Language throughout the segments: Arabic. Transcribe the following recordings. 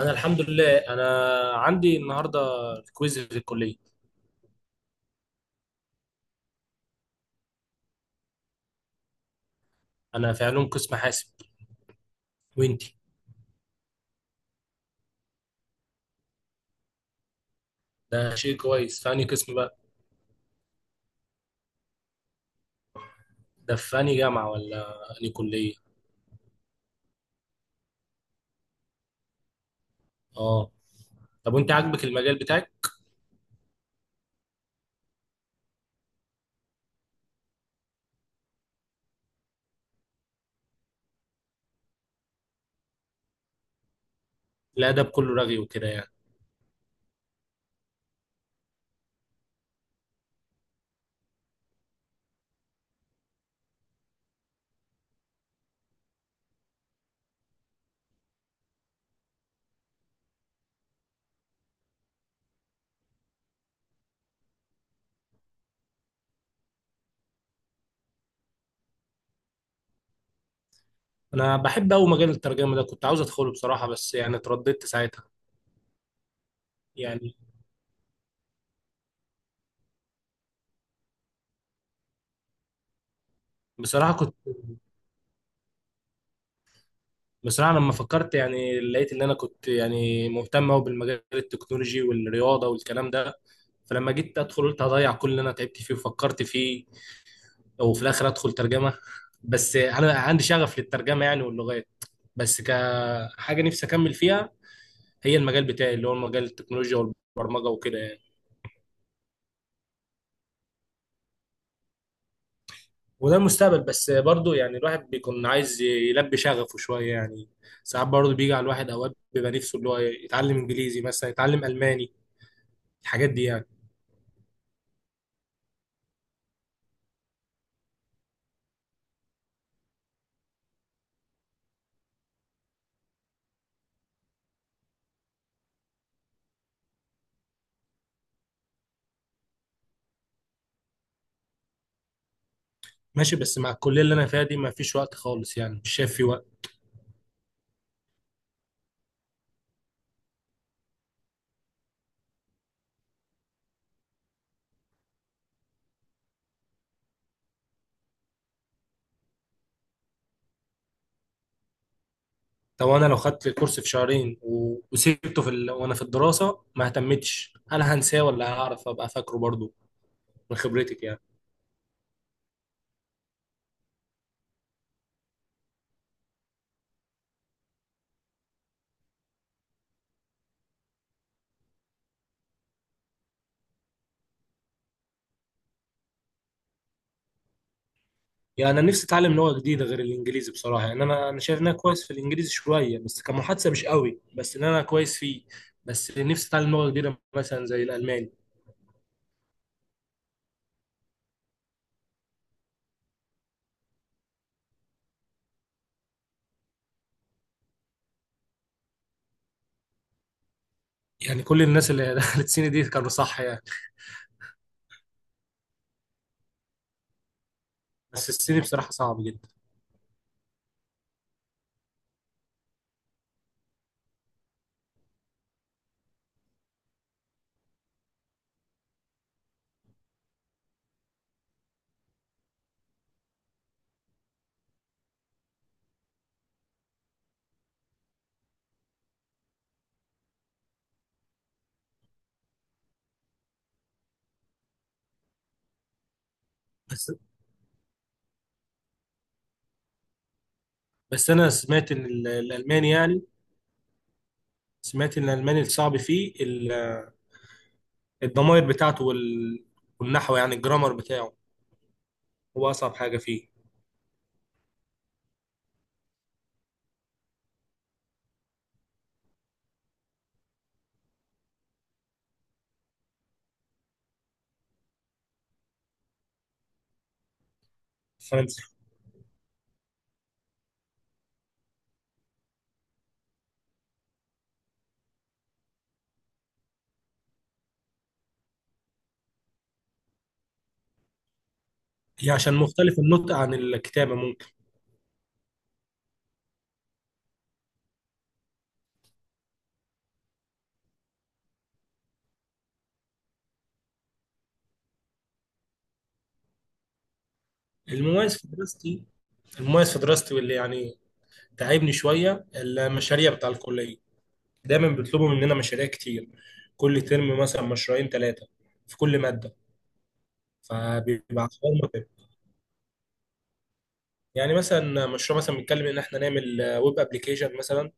انا الحمد لله. عندي النهارده كويز في الكليه. انا في علوم قسم حاسب. وانتي؟ ده شيء كويس، في انهي قسم بقى؟ ده في انهي جامعه ولا انهي كليه؟ اه. طب وانت عاجبك المجال بتاعك؟ الادب كله رغي وكده يعني. انا بحب قوي مجال الترجمه ده، كنت عاوز ادخله بصراحه، بس يعني اترددت ساعتها. يعني بصراحه كنت بصراحه لما فكرت، يعني لقيت ان انا كنت يعني مهتم قوي بالمجال التكنولوجي والرياضه والكلام ده. فلما جيت ادخل، قلت هضيع كل اللي انا تعبت فيه وفكرت فيه، وفي الاخر ادخل ترجمه. بس انا عندي شغف للترجمه يعني واللغات، بس كحاجه نفسي اكمل فيها. هي المجال بتاعي اللي هو مجال التكنولوجيا والبرمجه وكده يعني. وده المستقبل، بس برضه يعني الواحد بيكون عايز يلبي شغفه شويه يعني. ساعات برضه بيجي على الواحد اوقات بيبقى نفسه اللي هو يتعلم انجليزي مثلا، يتعلم الماني، الحاجات دي يعني. ماشي، بس مع الكليه اللي انا فيها دي ما فيش وقت خالص، يعني مش شايف في وقت. طب انا لو خدت الكورس في شهرين و- وسبته في وانا في الدراسه ما اهتمتش، هل هنساه ولا هعرف ابقى فاكره برضو؟ من خبرتك يعني. يعني انا نفسي اتعلم لغه جديده غير الانجليزي بصراحه، يعني انا شايف ان انا كويس في الانجليزي شويه، بس كمحادثه مش قوي، بس ان انا كويس فيه. بس نفسي اتعلم لغه جديده مثلا زي الالماني. يعني كل الناس اللي دخلت الصيني دي كانوا صح يعني. بس الصيني بصراحه صعب جدا. بس بس انا سمعت ان الالماني يعني، سمعت ان الالماني الصعب فيه الضمائر بتاعته والنحو يعني الجرامر بتاعه. هو أصعب حاجة فيه. الفرنسي؟ هي عشان مختلف النطق عن الكتابة ممكن. المميز في دراستي، واللي يعني تعبني شوية المشاريع بتاع الكلية. دايما بيطلبوا مننا مشاريع كتير، كل ترم مثلا مشروعين ثلاثة في كل مادة. فبيبقى حوار متعب. يعني مثلا مشروع، مثلا بنتكلم ان احنا نعمل ويب ابلكيشن مثلا اللي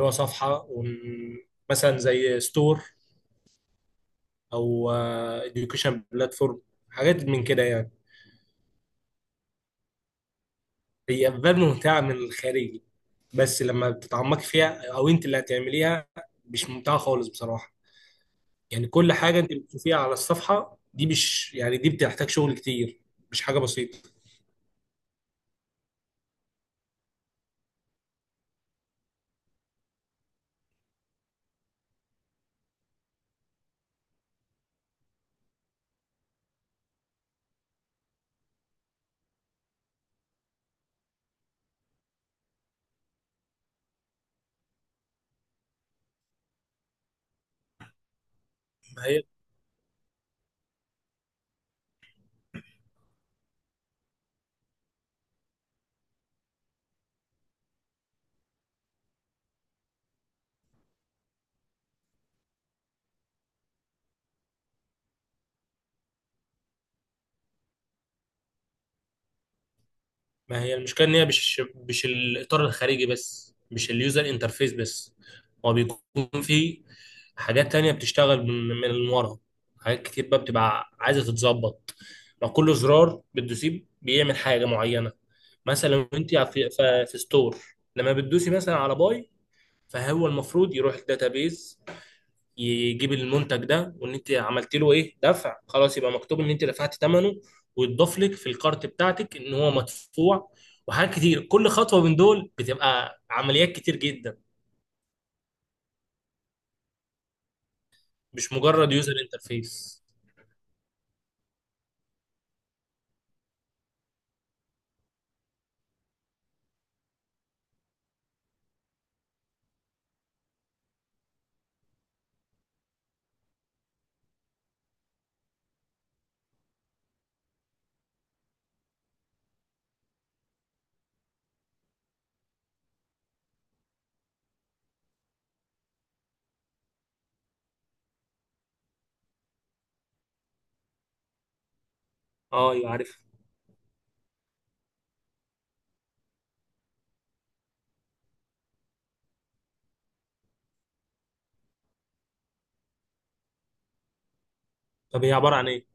هو صفحة مثلا زي ستور، او اديوكيشن بلاتفورم، حاجات من كده يعني. هي افكار ممتعه من الخارج، بس لما بتتعمقي فيها او انت اللي هتعمليها مش ممتعه خالص بصراحه. يعني كل حاجه انت بتشوفيها على الصفحه دي، مش يعني دي بتحتاج شغل كتير، مش حاجه بسيطه. ما هي ما هي المشكله ان هي مش الاطار الخارجي بس، مش اليوزر انترفيس بس. هو بيكون فيه حاجات تانية بتشتغل من ورا. حاجات كتير بقى بتبقى عايزة تتظبط. ما كل زرار بتدوسيه بيعمل حاجة معينة. مثلا وانت في ستور، لما بتدوسي مثلا على باي، فهو المفروض يروح الداتابيز يجيب المنتج ده، وان انت عملت له ايه دفع خلاص يبقى مكتوب ان انت دفعت ثمنه، ويتضاف لك في الكارت بتاعتك ان هو مدفوع. وحاجات كتير، كل خطوة من دول بتبقى عمليات كتير جدا. مش مجرد يوزر انترفيس. اه، ايوه عارف. طب هي عبارة عن ايه؟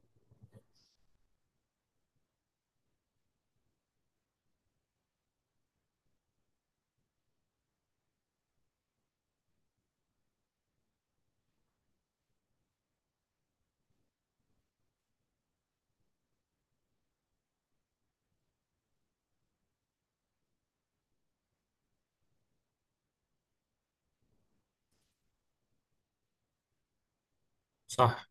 صح.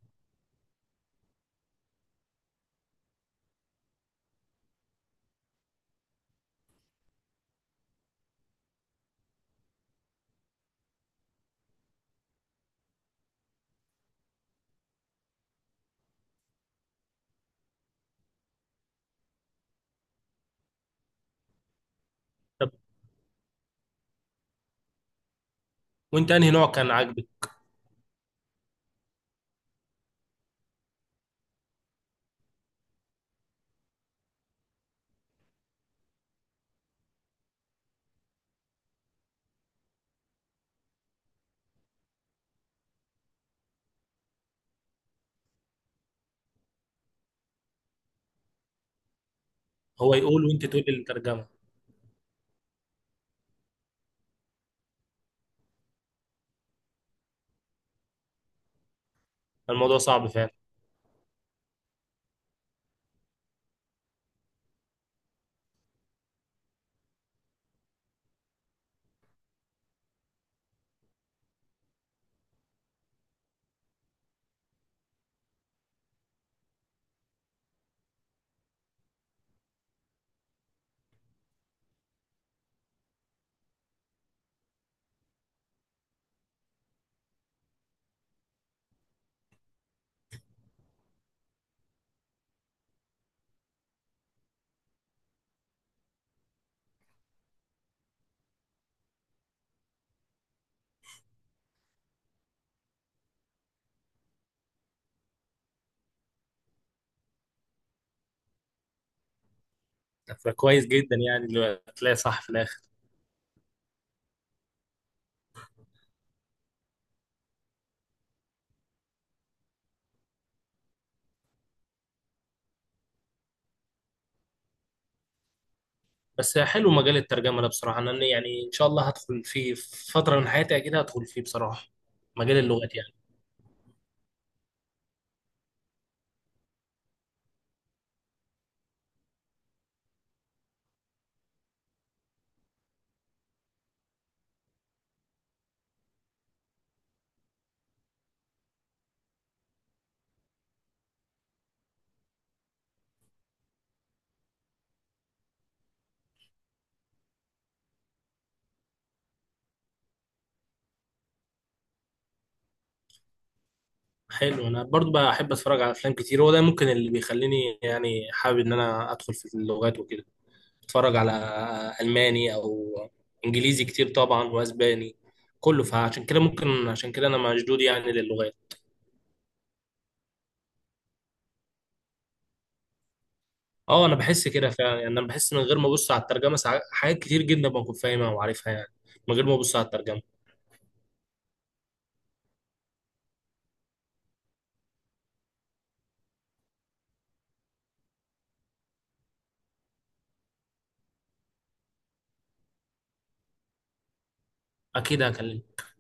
طب وانت انهي نوع كان عاجبك؟ هو يقول وانت تقول الترجمه. الموضوع صعب فعلا. فكويس جدا يعني اللي هتلاقي صح في الاخر. بس حلو مجال الترجمه ده بصراحه، انا يعني ان شاء الله هدخل فيه في فتره من حياتي، اكيد هدخل فيه بصراحه. مجال اللغات يعني. حلو، انا برضو بحب اتفرج على افلام كتير، هو ده ممكن اللي بيخليني يعني حابب ان انا ادخل في اللغات وكده. اتفرج على الماني او انجليزي كتير طبعا، واسباني، كله، فعشان كده ممكن، عشان كده انا مشدود يعني للغات. اه انا بحس كده فعلا، يعني انا بحس من غير ما ابص على الترجمه ساعات حاجات كتير جدا بكون فاهمها وعارفها يعني، من غير ما ابص على الترجمه. اكيد هكلمك.